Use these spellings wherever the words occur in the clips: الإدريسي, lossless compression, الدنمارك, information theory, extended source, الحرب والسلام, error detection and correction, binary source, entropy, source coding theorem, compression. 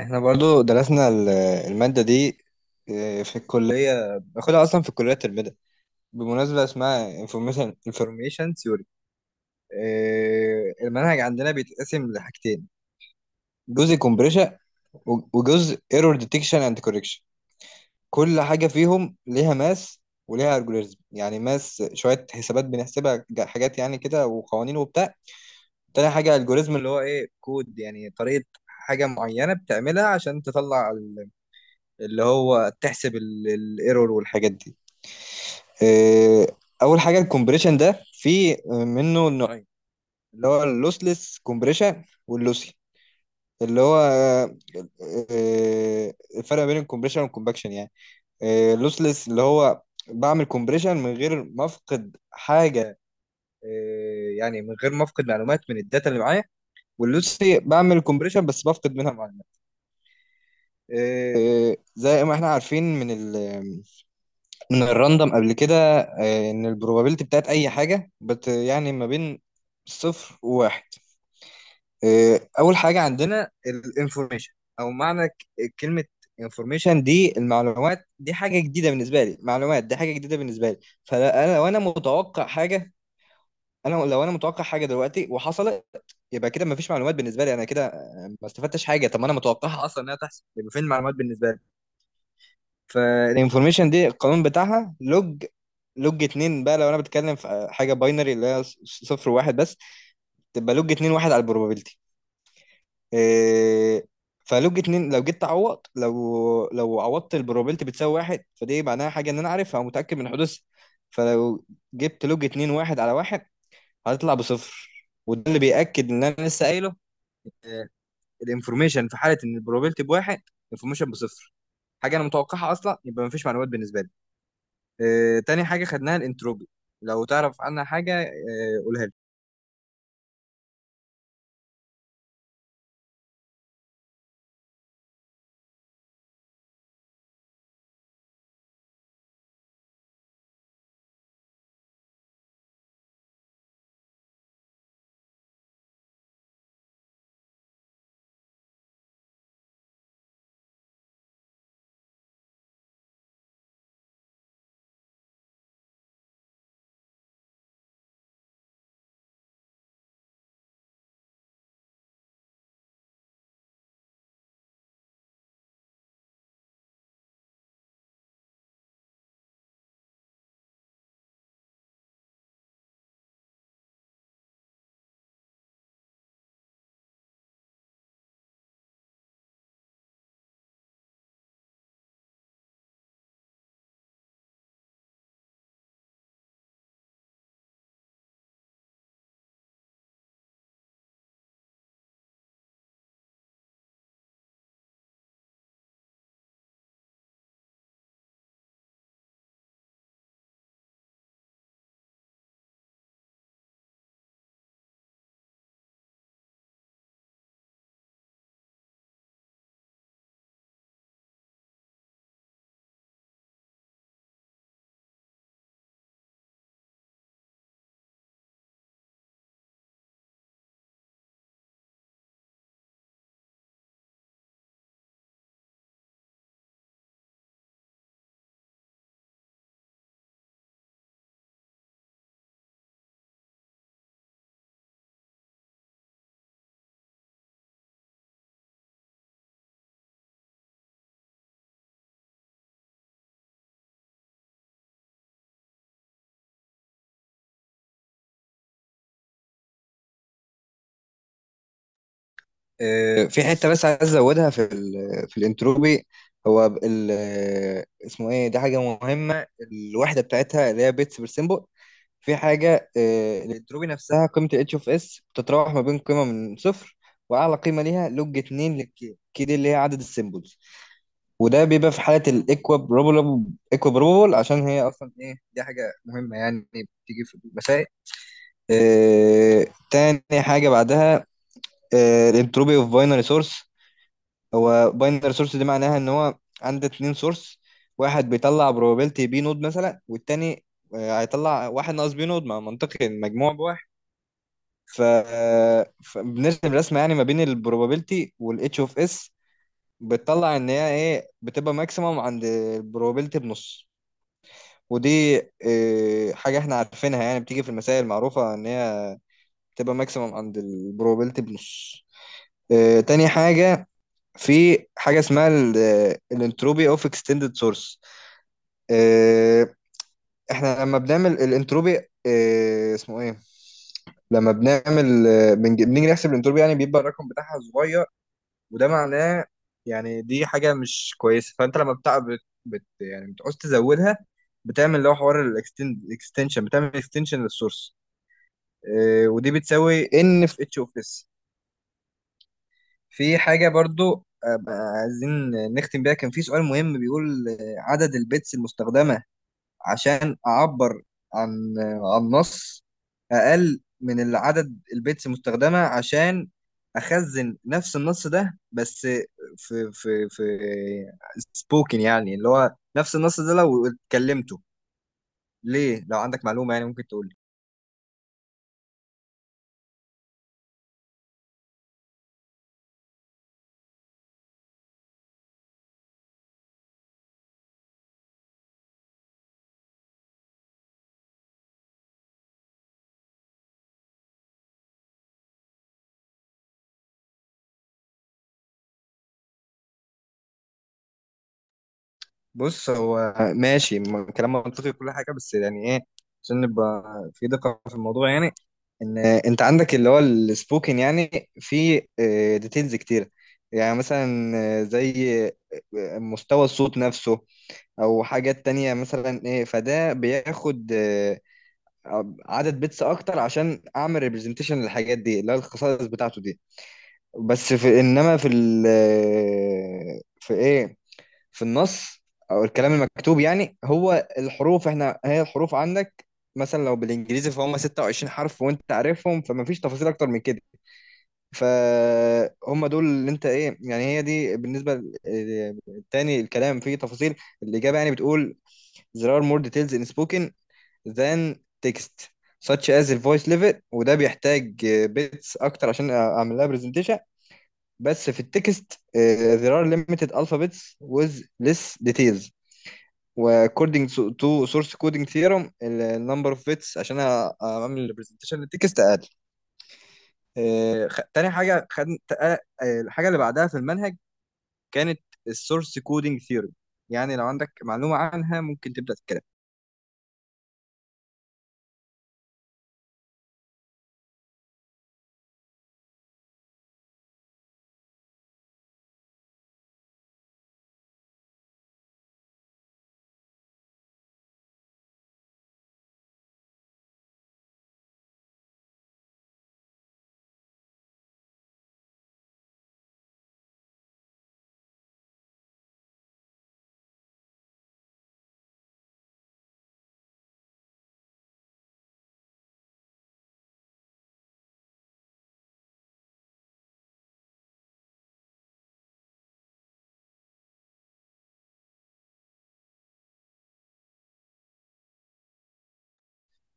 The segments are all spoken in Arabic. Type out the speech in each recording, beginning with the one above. احنا برضو درسنا المادة دي. في الكلية باخدها أصلا في الكلية الترم ده، بمناسبة اسمها information theory. المنهج عندنا بيتقسم لحاجتين، جزء compression و- وجزء error detection and correction. كل حاجة فيهم ليها ماس وليها algorithm، يعني ماس شوية حسابات بنحسبها حاجات يعني كده وقوانين وبتاع. تاني حاجة algorithm اللي هو ايه كود، يعني طريقة حاجة معينة بتعملها عشان تطلع اللي هو تحسب الايرور والحاجات دي. آه، اول حاجه الكومبريشن ده في منه نوعين، اللي هو اللوسلس كومبريشن واللوسي اللي هو الفرق بين الكومبريشن والكومباكشن يعني. اللوسلس اللي هو بعمل كومبريشن من غير ما افقد حاجه، يعني من غير ما افقد معلومات من الداتا اللي معايا. واللوسي بعمل كومبريشن بس بفقد منها معلومات. زي ما احنا عارفين من ال من الراندوم قبل كده، ان البروبابيلتي بتاعت اي حاجه بت يعني ما بين صفر وواحد. اول حاجه عندنا الانفورميشن او معنى كلمه انفورميشن دي، المعلومات دي حاجه جديده بالنسبه لي، معلومات دي حاجه جديده بالنسبه لي، فانا لو انا متوقع حاجه، انا لو انا متوقع حاجه دلوقتي وحصلت يبقى كده مفيش معلومات بالنسبه لي انا كده، ما استفدتش حاجه. طب ما انا متوقعها اصلا انها تحصل، يبقى فين المعلومات بالنسبه لي؟ فالانفورميشن دي القانون بتاعها لوج، لوج اتنين. بقى لو انا بتكلم في حاجه باينري اللي هي صفر وواحد بس، تبقى لوج اتنين واحد على البروبابيلتي. إيه؟ فلوج اتنين لو جيت تعوض، لو عوضت البروبابيلتي بتساوي واحد، فدي معناها حاجه ان انا عارفها ومتاكد من حدوثها. فلو جبت لوج اتنين واحد على واحد، هتطلع بصفر، وده اللي بيأكد ان انا لسه قايله. آه، الانفورميشن في حاله ان البروبابيلتي بواحد، الانفورميشن بصفر، حاجه انا متوقعها اصلا يبقى مفيش معلومات بالنسبه لي. تاني حاجة خدناها الانتروبي. لو تعرف عنها حاجة قولها لي. في حتة بس عايز أزودها في في الانتروبي. هو ب- ال اسمه إيه، دي حاجة مهمة، الوحدة بتاعتها اللي هي بيتس بير سيمبل. في حاجة الانتروبي نفسها، قيمة ال H of S بتتراوح ما بين قيمة من صفر وأعلى قيمة ليها لوج 2 للكي دي اللي هي عدد السيمبلز، وده بيبقى في حالة الإكوابروبل. إكوابروبل عشان هي أصلا إيه، دي حاجة مهمة يعني بتيجي في المسائل. تاني حاجة بعدها الانتروبي اوف باينري سورس. هو باينري سورس دي معناها ان هو عندك اتنين سورس، واحد بيطلع بروبابيلتي بي نود مثلا والتاني هيطلع واحد ناقص بي نود، ما منطقي المجموع بواحد. ف... آه، فبنرسم رسمة يعني ما بين البروبابيلتي والاتش اوف اس، بتطلع ان هي ايه، بتبقى ماكسيمم عند البروبابيلتي بنص. ودي حاجة احنا عارفينها يعني بتيجي في المسائل المعروفة ان هي بتبقى ماكسيمم عند البروبابيلتي بنص. تاني حاجة، في حاجة اسمها الانتروبي اوف اكستندد سورس. احنا لما بنعمل الانتروبي اسمه ايه، لما بنعمل بنيجي نحسب الانتروبي يعني بيبقى الرقم بتاعها صغير، وده معناه يعني دي حاجة مش كويسة، فانت لما بتاع بت يعني بتعوز تزودها، بتعمل اللي هو حوار الاكستنشن، بتعمل اكستنشن للسورس. ودي بتساوي ان في اتش اوف اس. في حاجة برضو عايزين نختم بيها، كان في سؤال مهم بيقول عدد البيتس المستخدمة عشان أعبر عن عن نص أقل من العدد البيتس المستخدمة عشان أخزن نفس النص ده، بس في سبوكن يعني اللي هو نفس النص ده لو اتكلمته، ليه؟ لو عندك معلومة يعني ممكن تقول. بص، هو ماشي كلام منطقي كل حاجه، بس يعني ايه، عشان نبقى في دقه في الموضوع يعني، ان انت عندك اللي هو السبوكن يعني في ديتيلز كتير. يعني مثلا زي مستوى الصوت نفسه، او حاجات تانية مثلا ايه، فده بياخد عدد بيتس اكتر عشان اعمل ريبريزنتيشن للحاجات دي اللي هي الخصائص بتاعته دي. بس في انما في ال آه، في ايه، في النص او الكلام المكتوب يعني، هو الحروف، احنا هي الحروف عندك مثلا لو بالانجليزي فهم 26 حرف وانت عارفهم، فما فيش تفاصيل اكتر من كده. فهم دول اللي انت ايه يعني، هي دي بالنسبه تاني الكلام فيه تفاصيل. الاجابه يعني بتقول: there are more details in spoken than text such as the voice level. وده بيحتاج بيتس اكتر عشان اعمل لها برزنتيشن. بس في التكست، there are limited alphabets with less details، وكودينج تو سورس كودينج ثيورم النمبر اوف بيتس عشان اعمل البرزنتيشن للتكست اقل. تاني حاجه خد، الحاجه اللي بعدها في المنهج كانت السورس كودينج ثيورم. يعني لو عندك معلومه عنها ممكن تبدا تتكلم.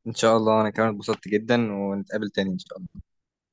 ان شاء الله، انا كمان اتبسطت جدا، ونتقابل تاني ان شاء الله.